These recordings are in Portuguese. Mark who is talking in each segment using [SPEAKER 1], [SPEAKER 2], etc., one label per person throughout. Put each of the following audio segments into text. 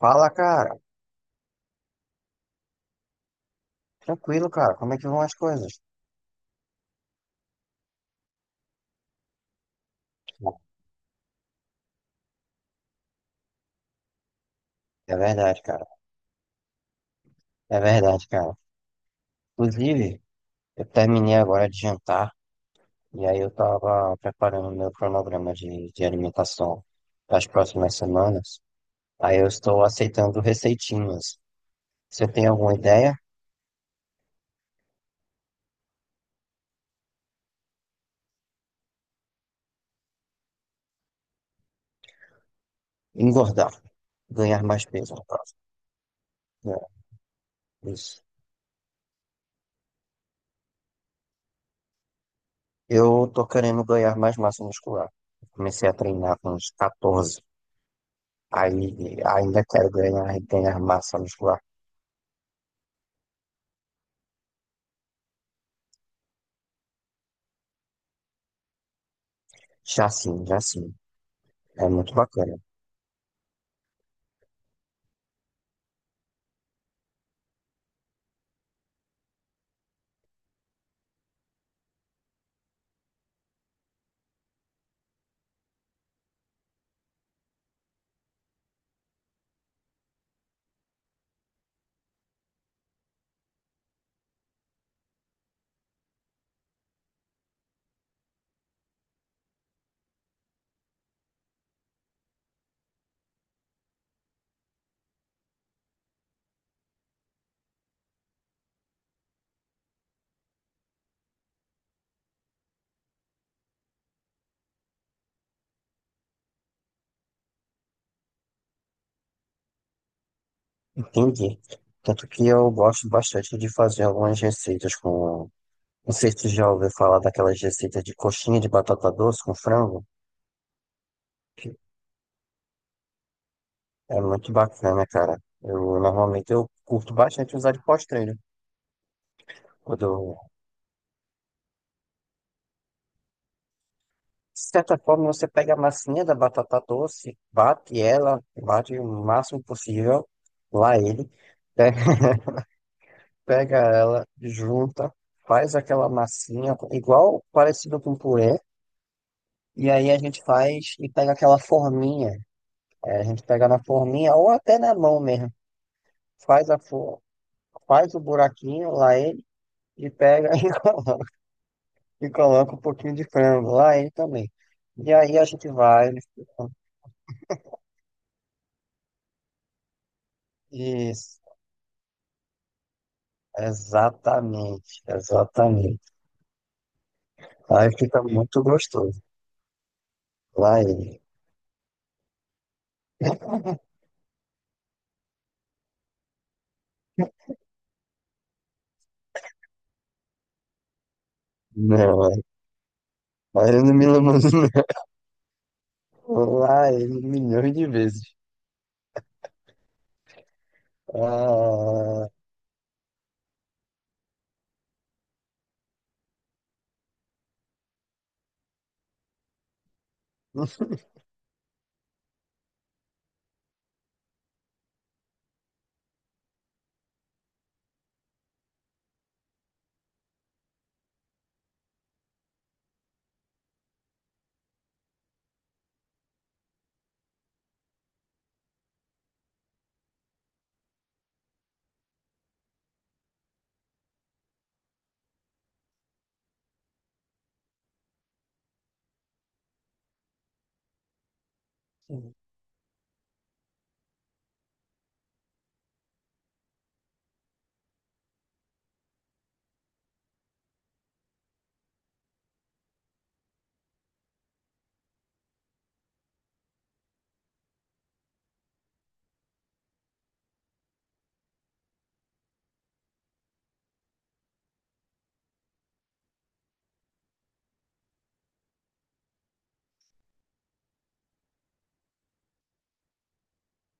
[SPEAKER 1] Fala, cara. Tranquilo, cara. Como é que vão as coisas? É verdade, cara. É verdade, cara. Inclusive, eu terminei agora de jantar e aí eu tava preparando o meu cronograma de alimentação para as próximas semanas. Aí eu estou aceitando receitinhas. Você tem alguma ideia? Engordar. Ganhar mais peso, no caso. É, isso. Eu tô querendo ganhar mais massa muscular. Comecei a treinar com uns 14. Aí ainda quero ganhar massa muscular. Já sim, já sim. É muito bacana. Entendi. Tanto que eu gosto bastante de fazer algumas receitas com. Não sei se tu já ouviu falar daquelas receitas de coxinha de batata doce com frango. Que é muito bacana, cara. Eu normalmente eu curto bastante usar de pós-treino. Quando eu- De certa forma, você pega a massinha da batata doce, bate ela, bate o máximo possível, lá ele. Né? Pega ela, junta, faz aquela massinha, igual parecido com purê, e aí a gente faz e pega aquela forminha. É, a gente pega na forminha ou até na mão mesmo. Faz a for... Faz o buraquinho lá ele e pega e coloca um pouquinho de frango lá ele também. E aí a gente vai isso. Exatamente, exatamente. Aí fica muito gostoso. Lá ele. Não, aí ele não me lembrou. Não. Lá ele milhões de vezes. Ah, enfim,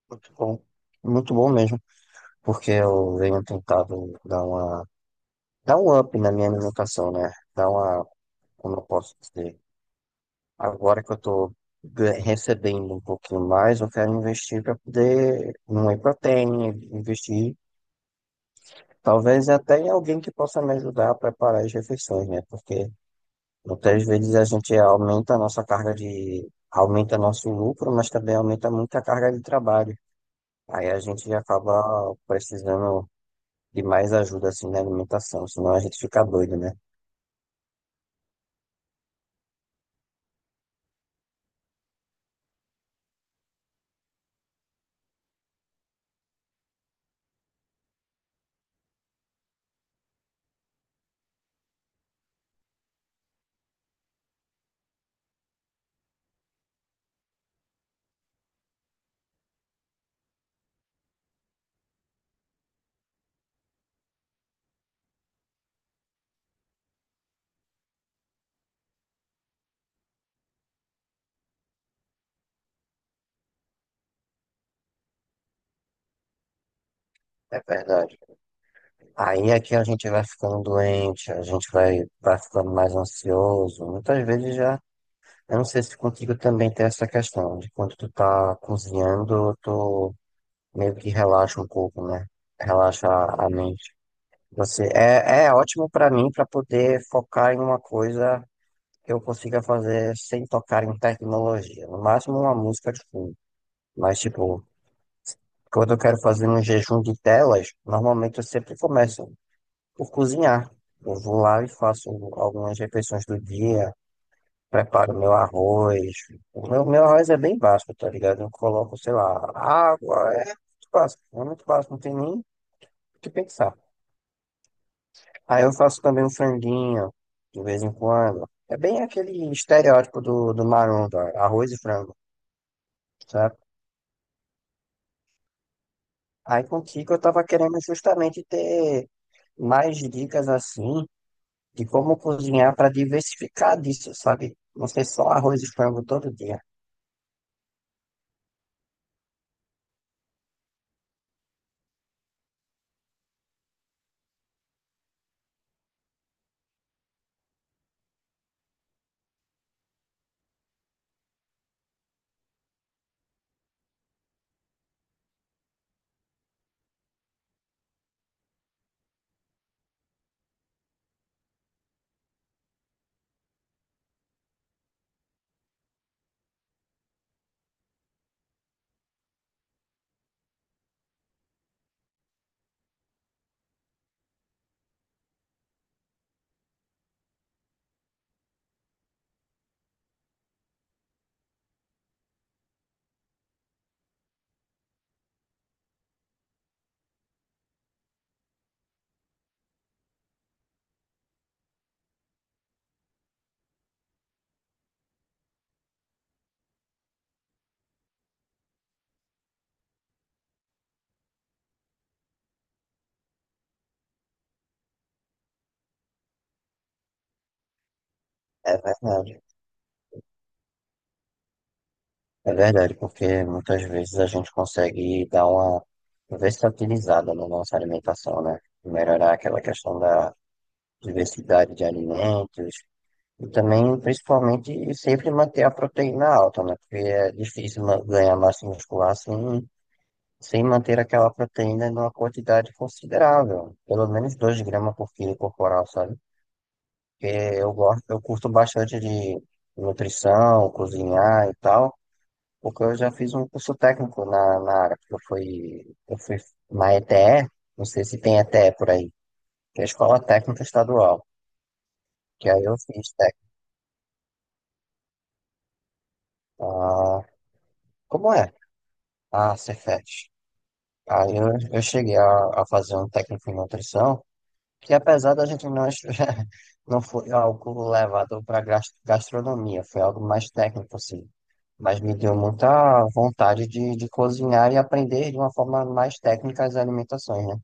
[SPEAKER 1] muito bom. Muito bom mesmo, porque eu venho tentado dar um up na minha alimentação, né? Como eu posso dizer, agora que eu tô recebendo um pouquinho mais, eu quero investir para poder, numa proteína, investir, talvez até em alguém que possa me ajudar a preparar as refeições, né? Porque muitas vezes a gente aumenta a nossa carga de, aumenta nosso lucro, mas também aumenta muito a carga de trabalho. Aí a gente acaba precisando de mais ajuda assim na alimentação, senão a gente fica doido, né? É verdade. Aí aqui a gente vai ficando doente, vai ficando mais ansioso. Muitas vezes já, eu não sei se contigo também tem essa questão de quando tu tá cozinhando, tu meio que relaxa um pouco, né? Relaxa a mente. Você é ótimo pra mim pra poder focar em uma coisa que eu consiga fazer sem tocar em tecnologia. No máximo uma música de fundo. Mas, tipo, quando eu quero fazer um jejum de telas, normalmente eu sempre começo por cozinhar. Eu vou lá e faço algumas refeições do dia, preparo meu arroz. O meu arroz é bem básico, tá ligado? Eu coloco, sei lá, água, é muito básico, não tem nem o que pensar. Aí eu faço também um franguinho, de vez em quando. É bem aquele estereótipo do maromba, arroz e frango, sabe? Aí contigo eu tava querendo justamente ter mais dicas assim de como cozinhar para diversificar disso, sabe? Não ser só arroz e frango todo dia. É verdade. É verdade, porque muitas vezes a gente consegue dar uma versatilizada na nossa alimentação, né? Melhorar aquela questão da diversidade de alimentos e também, principalmente, sempre manter a proteína alta, né? Porque é difícil ganhar massa muscular sem, sem manter aquela proteína numa quantidade considerável, pelo menos 2 gramas por quilo corporal, sabe? Eu gosto, eu curto bastante de nutrição, cozinhar e tal, porque eu já fiz um curso técnico na área, porque eu fui na ETE, não sei se tem ETE por aí, que é a Escola Técnica Estadual, que aí eu fiz técnico. Ah, como é? Ah, Cefet. Aí eu, eu cheguei a fazer um técnico em nutrição, que apesar da gente não, não foi algo levado para gastronomia, foi algo mais técnico, assim. Mas me deu muita vontade de cozinhar e aprender de uma forma mais técnica as alimentações, né?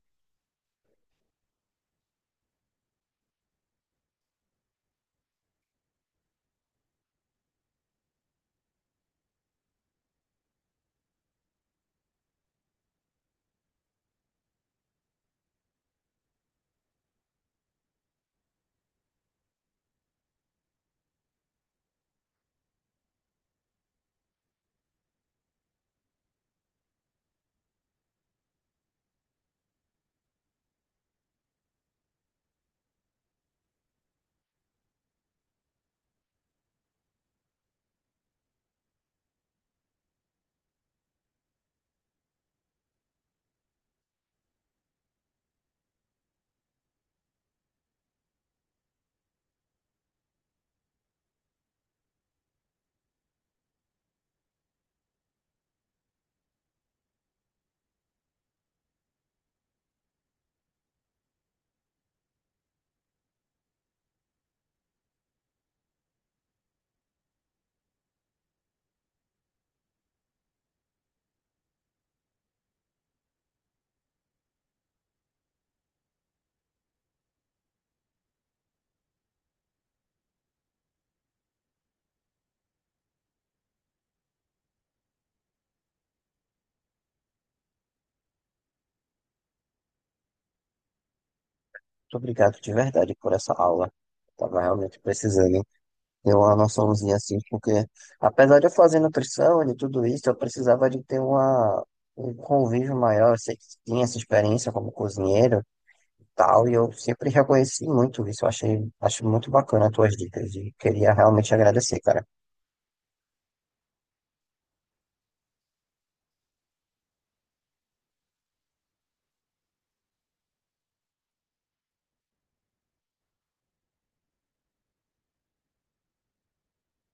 [SPEAKER 1] Muito obrigado de verdade por essa aula. Estava realmente precisando ter uma noçãozinha assim, porque apesar de eu fazer nutrição e tudo isso, eu precisava de ter uma, um convívio maior. Eu sei que tinha essa experiência como cozinheiro, tal, e eu sempre reconheci muito isso. Acho muito bacana as tuas dicas e queria realmente agradecer, cara.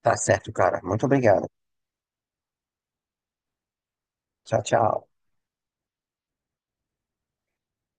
[SPEAKER 1] Tá certo, cara. Muito obrigado. Tchau, tchau.